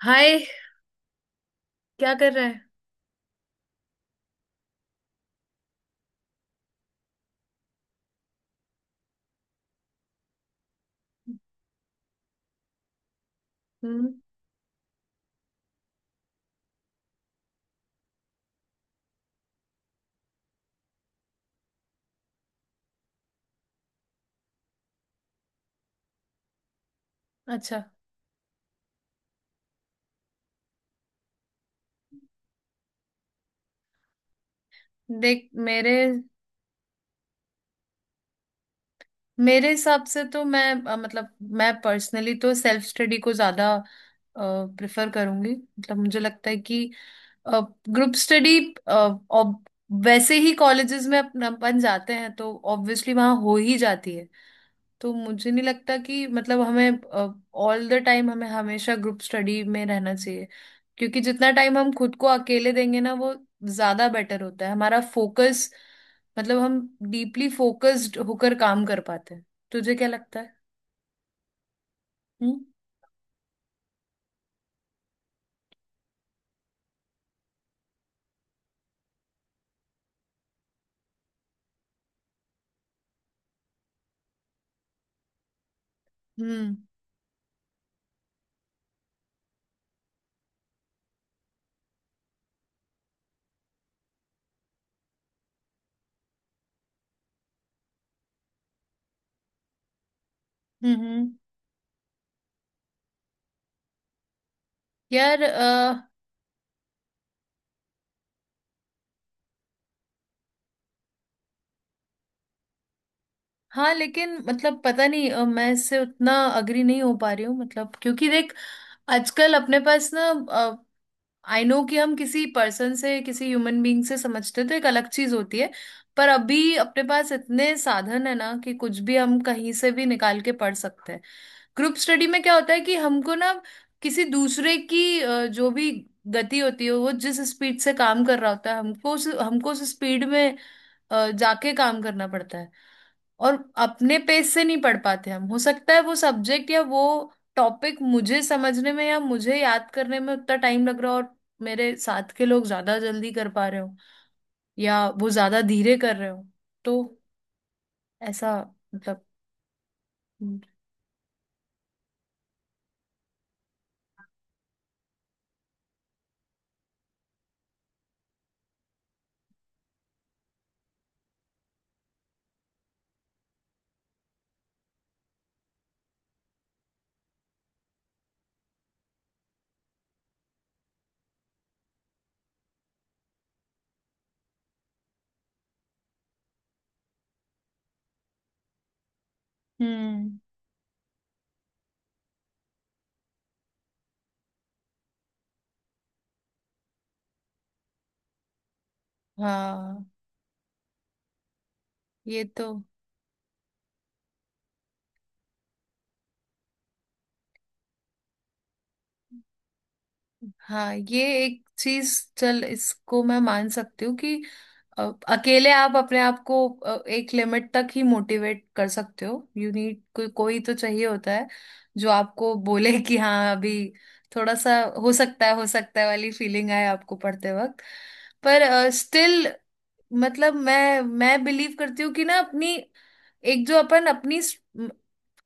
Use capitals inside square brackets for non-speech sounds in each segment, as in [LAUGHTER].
हाय। क्या कर रहे हैं? हम्म। अच्छा। देख, मेरे मेरे हिसाब से तो मैं, मतलब मैं पर्सनली तो सेल्फ स्टडी को ज्यादा प्रेफर करूंगी। मतलब मुझे लगता है कि ग्रुप स्टडी वैसे ही कॉलेजेस में अपन अपन जाते हैं तो ऑब्वियसली वहाँ हो ही जाती है। तो मुझे नहीं लगता कि मतलब हमें ऑल द टाइम, हमें हमेशा ग्रुप स्टडी में रहना चाहिए, क्योंकि जितना टाइम हम खुद को अकेले देंगे ना, वो ज्यादा बेटर होता है। हमारा फोकस, मतलब हम डीपली फोकस्ड होकर काम कर पाते हैं। तुझे क्या लगता है? हम्म, हम्म, हम्म, यार, हाँ लेकिन मतलब पता नहीं, मैं इससे उतना अग्री नहीं हो पा रही हूँ। मतलब क्योंकि देख, आजकल अपने पास ना, आई नो कि हम किसी पर्सन से, किसी ह्यूमन बीइंग से समझते तो एक अलग चीज होती है, पर अभी अपने पास इतने साधन है ना कि कुछ भी हम कहीं से भी निकाल के पढ़ सकते हैं। ग्रुप स्टडी में क्या होता है कि हमको ना, किसी दूसरे की जो भी गति होती है, वो जिस स्पीड से काम कर रहा होता है, हमको उस, हमको उस स्पीड में जाके काम करना पड़ता है। और अपने पेज से नहीं पढ़ पाते हम। हो सकता है वो सब्जेक्ट या वो टॉपिक मुझे समझने में या मुझे याद करने में उतना टाइम लग रहा हो, और मेरे साथ के लोग ज्यादा जल्दी कर पा रहे हो, या वो ज्यादा धीरे कर रहे हो। तो ऐसा, मतलब। हम्म। हाँ, ये तो। हाँ, ये एक चीज। चल, इसको मैं मान सकती हूँ कि अ, अकेले आप अपने आप को एक लिमिट तक ही मोटिवेट कर सकते हो। यू नीड, कोई कोई तो चाहिए होता है जो आपको बोले कि हाँ, अभी थोड़ा सा हो सकता है, हो सकता है वाली फीलिंग आए आपको पढ़ते वक्त। पर स्टिल, मतलब मैं बिलीव करती हूँ कि ना, अपनी एक जो अपन अपनी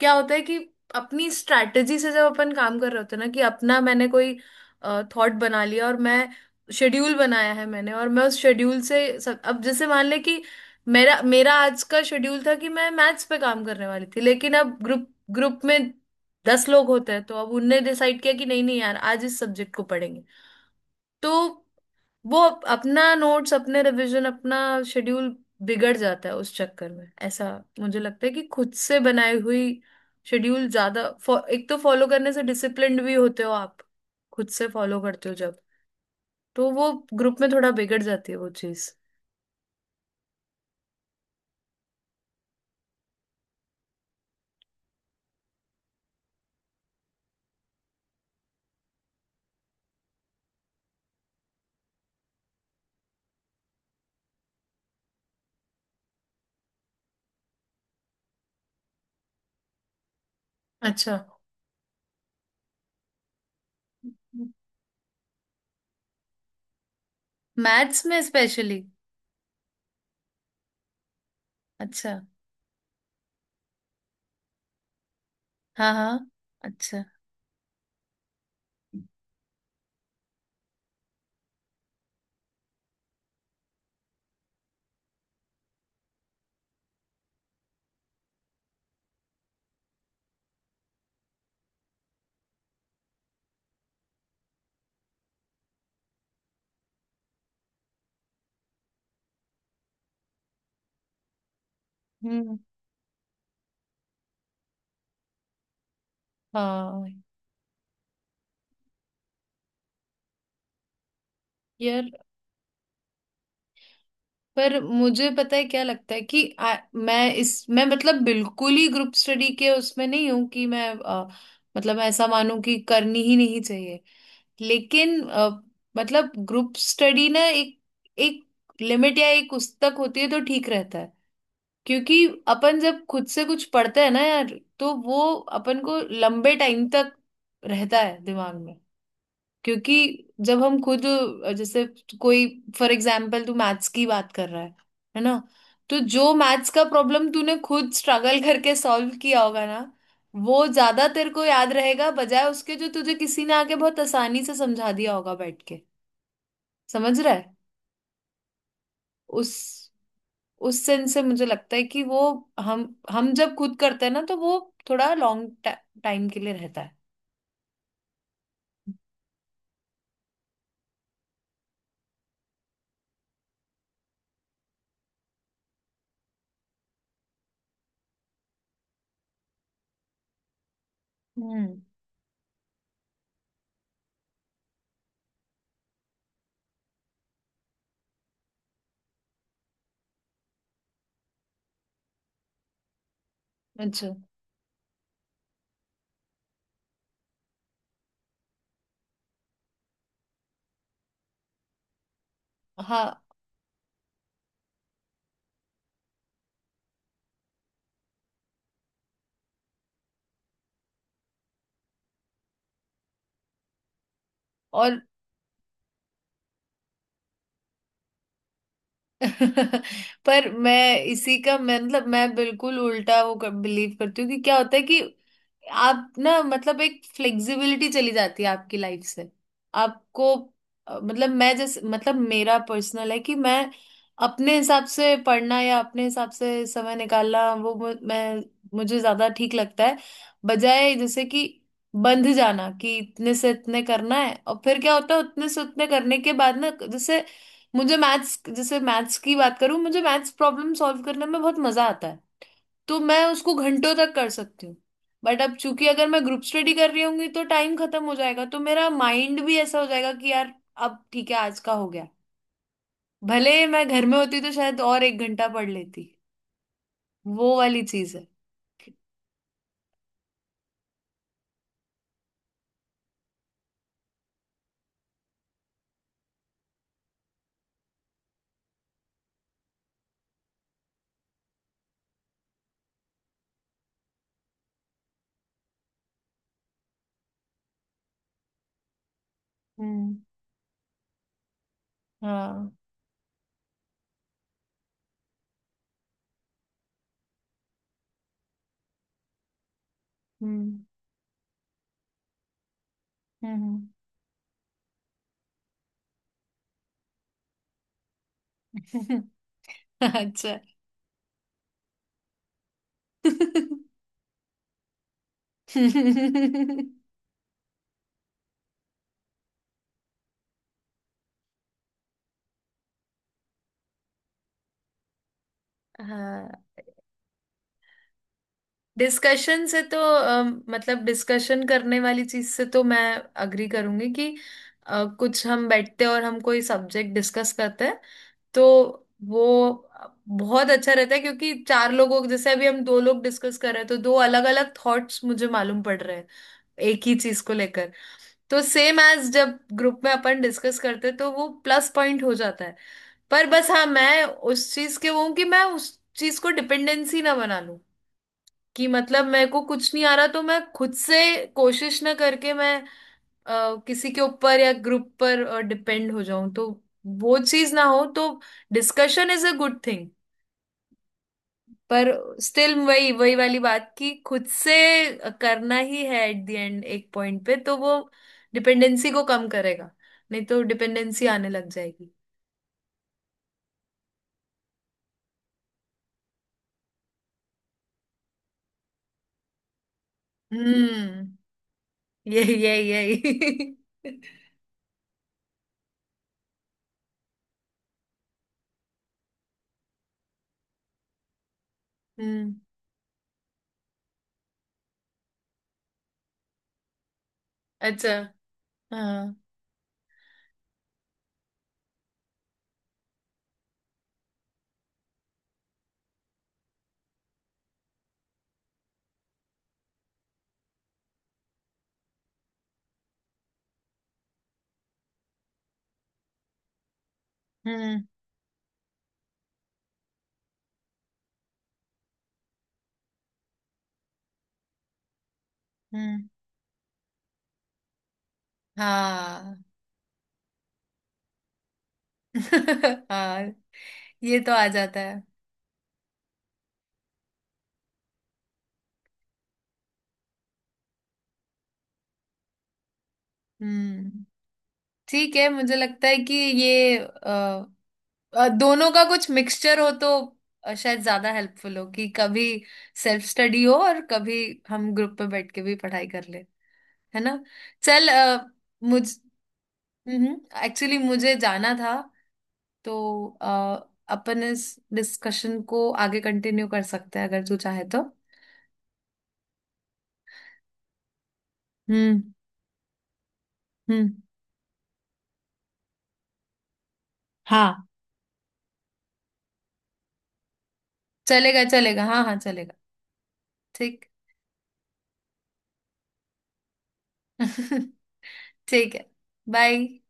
क्या होता है कि, अपनी स्ट्रैटेजी से जब अपन काम कर रहे होते हैं ना, कि अपना मैंने कोई थॉट बना लिया और मैं शेड्यूल बनाया है मैंने, और मैं उस शेड्यूल से सब, अब जैसे मान ले कि, मेरा मेरा आज का शेड्यूल था कि मैं मैथ्स पे काम करने वाली थी, लेकिन अब ग्रुप ग्रुप में 10 लोग होते हैं, तो अब उनने डिसाइड किया कि नहीं नहीं यार, आज इस सब्जेक्ट को पढ़ेंगे। तो वो अपना नोट्स, अपने रिवीजन, अपना शेड्यूल बिगड़ जाता है उस चक्कर में। ऐसा मुझे लगता है कि खुद से बनाई हुई शेड्यूल ज्यादा एक तो फॉलो करने से डिसिप्लिन्ड भी होते हो आप, खुद से फॉलो करते हो जब। तो वो ग्रुप में थोड़ा बिगड़ जाती है वो चीज। अच्छा। मैथ्स में स्पेशली? अच्छा। हाँ हाँ। अच्छा। हम्म। हाँ यार। पर मुझे पता है क्या लगता है कि मैं इस, मैं मतलब बिल्कुल ही ग्रुप स्टडी के उसमें नहीं हूं कि मैं, मतलब ऐसा मानूं कि करनी ही नहीं चाहिए। लेकिन मतलब ग्रुप स्टडी ना एक एक लिमिट या एक उस तक होती है तो ठीक रहता है। क्योंकि अपन जब खुद से कुछ पढ़ते हैं ना यार, तो वो अपन को लंबे टाइम तक रहता है दिमाग में। क्योंकि जब हम खुद, जैसे कोई, फॉर एग्जाम्पल तू मैथ्स की बात कर रहा है ना? तो जो मैथ्स का प्रॉब्लम तूने खुद स्ट्रगल करके सॉल्व किया होगा ना, वो ज्यादा तेरे को याद रहेगा बजाय उसके जो तुझे किसी ने आके बहुत आसानी से समझा दिया होगा बैठ के। समझ रहा है? उस उस सेंस से मुझे लगता है कि वो, हम जब खुद करते हैं ना, तो वो थोड़ा लॉन्ग टाइम के लिए रहता है। हम्म। अच्छा। हाँ। और। [LAUGHS] पर मैं इसी का, मैं मतलब मैं बिल्कुल उल्टा वो बिलीव करती हूँ कि क्या होता है कि, आप ना मतलब एक फ्लेक्सिबिलिटी चली जाती है आपकी लाइफ से। आपको मतलब मैं जैसे, मतलब मेरा पर्सनल है कि मैं अपने हिसाब से पढ़ना या अपने हिसाब से समय निकालना, वो मैं, मुझे ज्यादा ठीक लगता है, बजाय जैसे कि बंध जाना कि इतने से इतने करना है। और फिर क्या होता है, उतने से उतने करने के बाद ना, जैसे मुझे मैथ्स, जैसे मैथ्स की बात करूं, मुझे मैथ्स प्रॉब्लम सॉल्व करने में बहुत मजा आता है, तो मैं उसको घंटों तक कर सकती हूँ। बट अब चूंकि अगर मैं ग्रुप स्टडी कर रही होंगी तो टाइम खत्म हो जाएगा, तो मेरा माइंड भी ऐसा हो जाएगा कि यार अब ठीक है, आज का हो गया। भले मैं घर में होती तो शायद और एक घंटा पढ़ लेती। वो वाली चीज है। हम्म। हाँ। हम्म, हम्म, हम्म। [LAUGHS] अच्छा। [LAUGHS] हाँ। डिस्कशन से तो मतलब डिस्कशन करने वाली चीज से तो मैं अग्री करूंगी कि कुछ हम बैठते हैं और हम कोई सब्जेक्ट डिस्कस करते हैं, तो वो बहुत अच्छा रहता है। क्योंकि चार लोगों, जैसे अभी हम दो लोग डिस्कस कर रहे हैं, तो दो अलग अलग थॉट्स मुझे मालूम पड़ रहे हैं एक ही चीज को लेकर। तो सेम एज, जब ग्रुप में अपन डिस्कस करते हैं तो वो प्लस पॉइंट हो जाता है। पर बस हाँ, मैं उस चीज के वो हूँ कि मैं उस चीज को डिपेंडेंसी ना बना लूं। कि मतलब मेरे को कुछ नहीं आ रहा तो मैं खुद से कोशिश ना करके मैं किसी के ऊपर या ग्रुप पर डिपेंड हो जाऊं, तो वो चीज ना हो तो। Discussion is a good thing, पर स्टिल वही, वाली बात, कि खुद से करना ही है एट द एंड एक पॉइंट पे, तो वो डिपेंडेंसी को कम करेगा। नहीं तो डिपेंडेंसी आने लग जाएगी। हम्म। यही यही यही। [LAUGHS] हम्म। अच्छा। हाँ। हम्म, हम्म। हाँ। [LAUGHS] हाँ, ये तो आ जाता है। हम्म। ठीक है, मुझे लगता है कि ये दोनों का कुछ मिक्सचर हो तो शायद ज्यादा हेल्पफुल हो, कि कभी सेल्फ स्टडी हो और कभी हम ग्रुप पे बैठ के भी पढ़ाई कर ले। है ना? चल मुझ एक्चुअली मुझे जाना था, तो अपन इस डिस्कशन को आगे कंटिन्यू कर सकते हैं अगर तू चाहे तो। हम्म। हम्म। हाँ, चलेगा चलेगा, हाँ हाँ, चलेगा। ठीक। [LAUGHS] ठीक है। बाय।